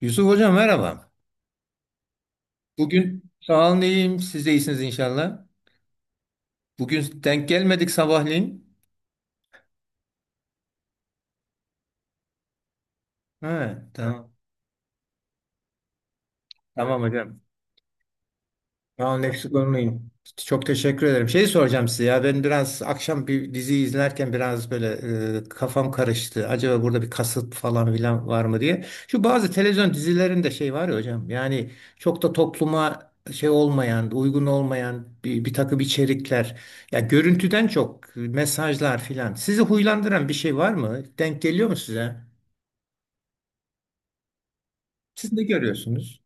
Yusuf Hocam merhaba. Bugün sağ olun iyiyim. Siz de iyisiniz inşallah. Bugün denk gelmedik sabahleyin. Ha, tamam. Tamam hocam. Tamam Lexicon. Çok teşekkür ederim. Şeyi soracağım size, ya ben biraz akşam bir dizi izlerken biraz böyle kafam karıştı. Acaba burada bir kasıt falan filan var mı diye. Şu bazı televizyon dizilerinde şey var ya hocam, yani çok da topluma şey olmayan, uygun olmayan bir takım içerikler. Ya görüntüden çok mesajlar filan. Sizi huylandıran bir şey var mı? Denk geliyor mu size? Siz ne görüyorsunuz?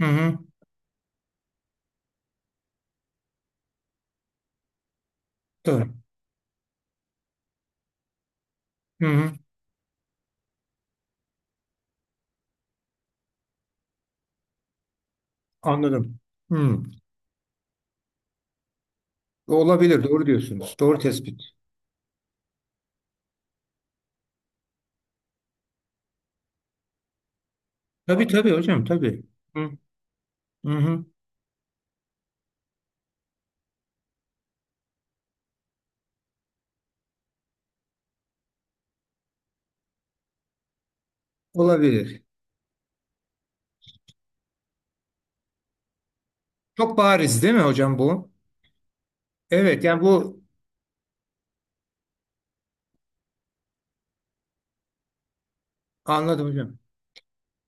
Hı hı. Doğru. Hı hı. Anladım. Hı. Olabilir, doğru diyorsunuz. Doğru tespit. Tabii tabii hocam, tabii. Hı. Hı hı. Olabilir. Çok bariz değil mi hocam bu? Evet, yani bu anladım hocam.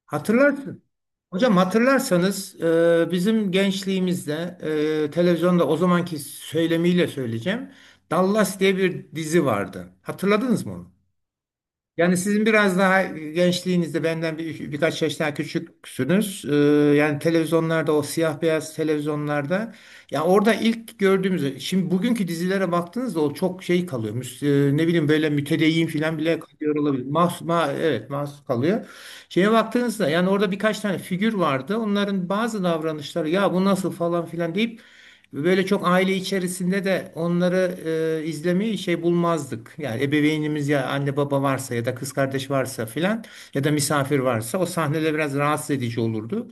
Hatırlarsın. Hocam hatırlarsanız bizim gençliğimizde, televizyonda o zamanki söylemiyle söyleyeceğim. Dallas diye bir dizi vardı. Hatırladınız mı onu? Yani sizin biraz daha gençliğinizde, benden birkaç yaş daha küçüksünüz. Yani televizyonlarda, o siyah beyaz televizyonlarda, ya orada ilk gördüğümüz, şimdi bugünkü dizilere baktığınızda o çok şey kalıyor. Ne bileyim, böyle mütedeyyin falan bile kalıyor olabilir. Evet, mahsus kalıyor. Şeye baktığınızda, yani orada birkaç tane figür vardı. Onların bazı davranışları, ya bu nasıl falan filan deyip böyle çok aile içerisinde de onları izlemeyi şey bulmazdık. Yani ebeveynimiz, ya anne baba varsa ya da kız kardeş varsa filan ya da misafir varsa, o sahneler biraz rahatsız edici olurdu.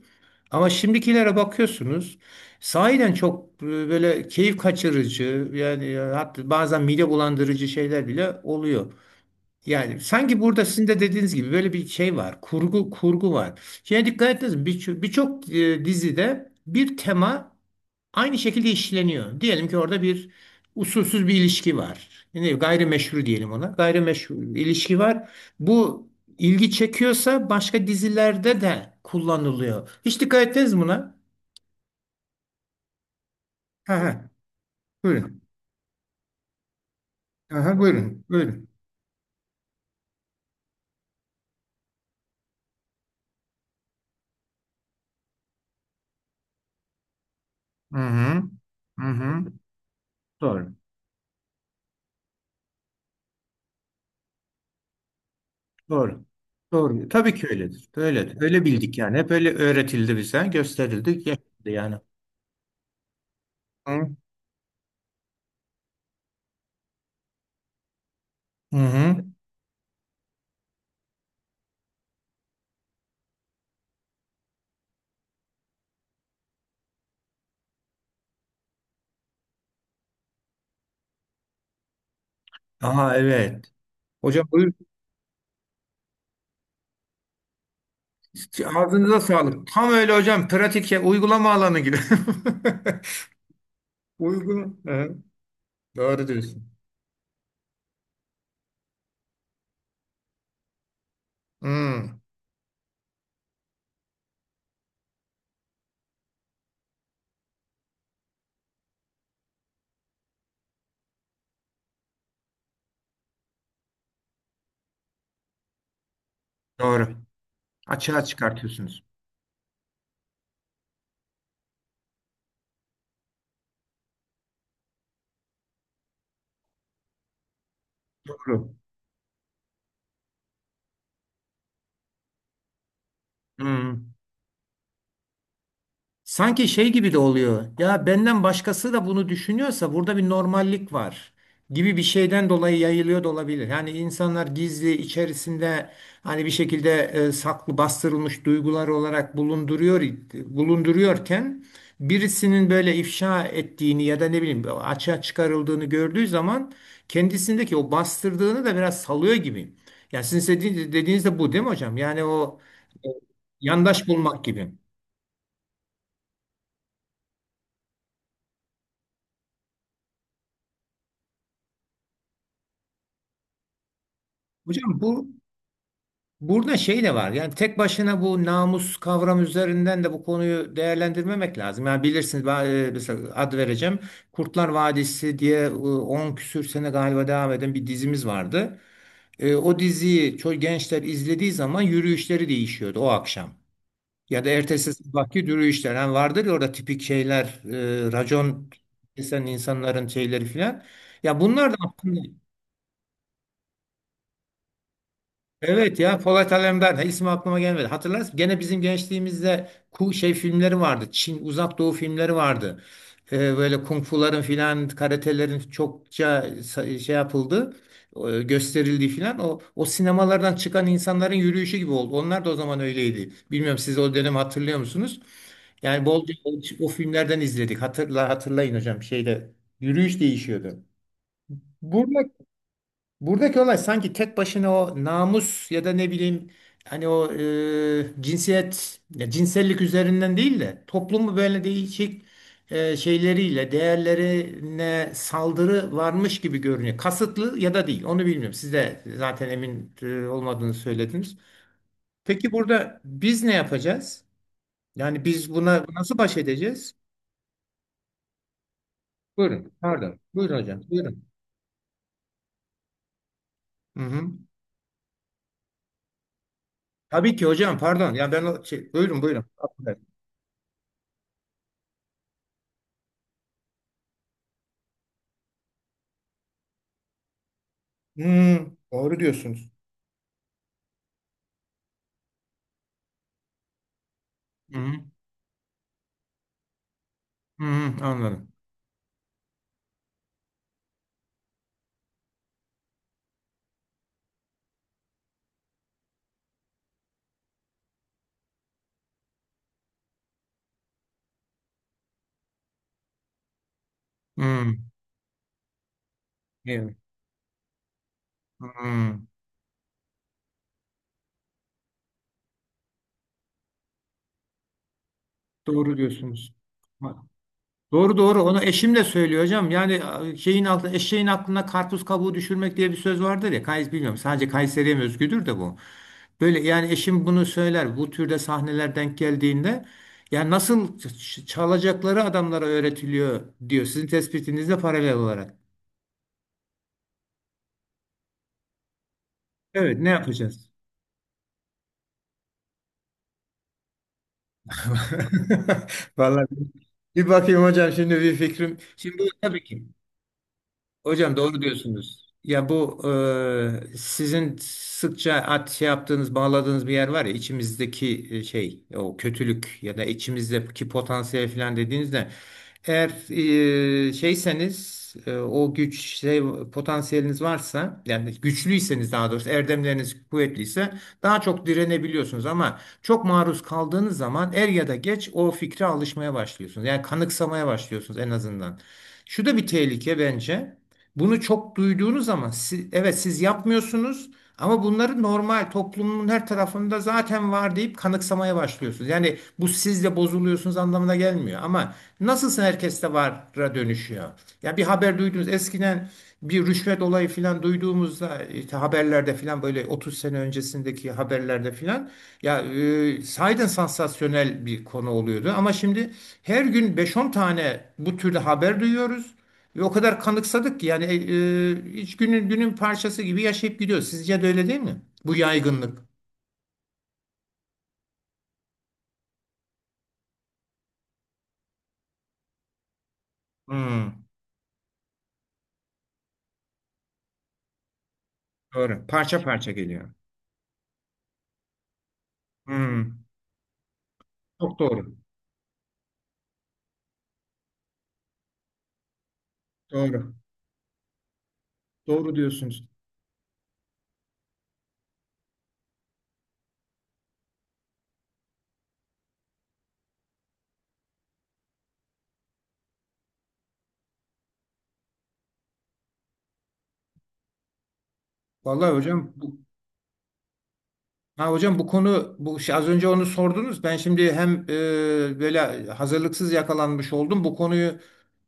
Ama şimdikilere bakıyorsunuz, sahiden çok böyle keyif kaçırıcı, yani hatta bazen mide bulandırıcı şeyler bile oluyor. Yani sanki burada sizin de dediğiniz gibi böyle bir şey var. Kurgu, kurgu var. Şeye dikkat ettiniz mi? Birçok dizide bir tema aynı şekilde işleniyor. Diyelim ki orada usulsüz bir ilişki var. Yani gayrimeşru diyelim ona. Gayrimeşru bir ilişki var. Bu ilgi çekiyorsa başka dizilerde de kullanılıyor. Hiç dikkat ettiniz mi buna? Ha ha. Buyurun. Aha, buyurun. Buyurun. Hı hı. Hı hı. Doğru. Doğru. Doğru. Tabii ki öyledir. Öyledir. Öyle bildik yani. Hep öyle öğretildi bize, gösterildi, yaşandı yani. Hı hı. Hı. Aha, evet. Hocam buyurun. Ağzınıza sağlık. Tam öyle hocam. Pratik ya, uygulama alanı gibi. Uygun. Evet, doğru diyorsun. Hmm, doğru. Açığa çıkartıyorsunuz. Doğru. Hmm. Sanki şey gibi de oluyor. Ya benden başkası da bunu düşünüyorsa burada bir normallik var gibi bir şeyden dolayı yayılıyor da olabilir. Yani insanlar gizli içerisinde hani bir şekilde saklı, bastırılmış duygular olarak bulunduruyor bulunduruyorken, birisinin böyle ifşa ettiğini ya da ne bileyim açığa çıkarıldığını gördüğü zaman kendisindeki o bastırdığını da biraz salıyor gibi. Ya sizin dediğiniz de bu değil mi hocam? Yani o e, yandaş bulmak gibi. Hocam bu, burada şey de var. Yani tek başına bu namus kavramı üzerinden de bu konuyu değerlendirmemek lazım. Yani bilirsiniz ben, mesela ad vereceğim, Kurtlar Vadisi diye 10 küsür sene galiba devam eden bir dizimiz vardı. E, o diziyi çok gençler izlediği zaman yürüyüşleri değişiyordu o akşam. Ya da ertesi sabahki yürüyüşler. Yani vardır ya, orada tipik şeyler, racon kesen insanların şeyleri filan. Ya bunlar da aslında evet, ya Polat Alemdar. Ha, ismi aklıma gelmedi. Hatırlarsın, gene bizim gençliğimizde şey filmleri vardı. Çin, Uzak Doğu filmleri vardı. Böyle kung fuların filan, karatelerin çokça şey yapıldı, gösterildiği filan, o sinemalardan çıkan insanların yürüyüşü gibi oldu. Onlar da o zaman öyleydi. Bilmiyorum, siz o dönemi hatırlıyor musunuz? Yani bolca o filmlerden izledik. Hatırlayın hocam, şeyde yürüyüş değişiyordu. Burada Buradaki olay sanki tek başına o namus ya da ne bileyim, hani o cinsiyet ya cinsellik üzerinden değil de toplumu böyle değişik şeyleriyle, değerlerine saldırı varmış gibi görünüyor. Kasıtlı ya da değil, onu bilmiyorum. Siz de zaten emin olmadığını söylediniz. Peki burada biz ne yapacağız? Yani biz buna nasıl baş edeceğiz? Buyurun. Pardon. Buyurun hocam. Buyurun. Hı hı. Tabii ki hocam, pardon. Ya ben o şey, buyurun buyurun. Hmm, doğru diyorsunuz. Hı hı. Hı hı, anladım. Hı. Evet. Hı. Doğru diyorsunuz. Ha, doğru doğru. Onu eşim de söylüyor hocam. Yani a, şeyin altı, eşeğin aklına karpuz kabuğu düşürmek diye bir söz vardır ya. Kays bilmiyorum. Sadece Kayseri'ye mi özgüdür de bu. Böyle yani eşim bunu söyler. Bu türde sahneler denk geldiğinde, ya nasıl çalacakları adamlara öğretiliyor diyor. Sizin tespitinizle paralel olarak. Evet, ne yapacağız? Vallahi bir bakayım hocam, şimdi bir fikrim. Şimdi bu tabii ki hocam doğru diyorsunuz. Ya bu sizin sıkça şey yaptığınız, bağladığınız bir yer var ya, içimizdeki o kötülük ya da içimizdeki potansiyel falan dediğinizde, eğer şeyseniz, o güç, potansiyeliniz varsa, yani güçlüyseniz, daha doğrusu erdemleriniz kuvvetliyse daha çok direnebiliyorsunuz, ama çok maruz kaldığınız zaman er ya da geç o fikre alışmaya başlıyorsunuz. Yani kanıksamaya başlıyorsunuz en azından. Şu da bir tehlike bence. Bunu çok duyduğunuz zaman evet, siz yapmıyorsunuz, ama bunları normal toplumun her tarafında zaten var deyip kanıksamaya başlıyorsunuz. Yani bu, siz de bozuluyorsunuz anlamına gelmiyor, ama nasılsa herkeste vara dönüşüyor. Ya bir haber duydunuz eskiden, bir rüşvet olayı filan duyduğumuzda, işte haberlerde filan, böyle 30 sene öncesindeki haberlerde filan, ya sahiden sansasyonel bir konu oluyordu, ama şimdi her gün beş on tane bu türlü haber duyuyoruz. Ve o kadar kanıksadık ki, yani hiç günün parçası gibi yaşayıp gidiyor. Sizce de öyle değil mi? Bu yaygınlık. Hmm, doğru. Parça parça geliyor. Hmm, çok doğru. Doğru. Doğru diyorsunuz. Vallahi hocam bu, ha hocam, bu konu, bu şey, az önce onu sordunuz. Ben şimdi hem böyle hazırlıksız yakalanmış oldum. Bu konuyu,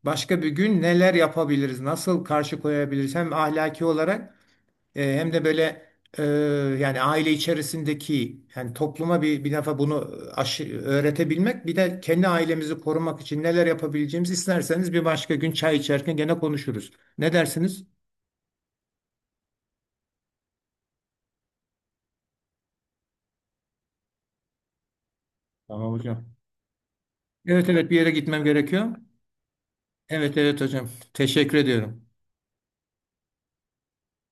başka bir gün neler yapabiliriz, nasıl karşı koyabiliriz, hem ahlaki olarak, hem de böyle, e, yani aile içerisindeki, yani topluma bir defa bunu öğretebilmek, bir de kendi ailemizi korumak için neler yapabileceğimizi, isterseniz bir başka gün çay içerken gene konuşuruz. Ne dersiniz? Tamam hocam. Evet evet, bir yere gitmem gerekiyor. Evet evet hocam. Teşekkür ediyorum.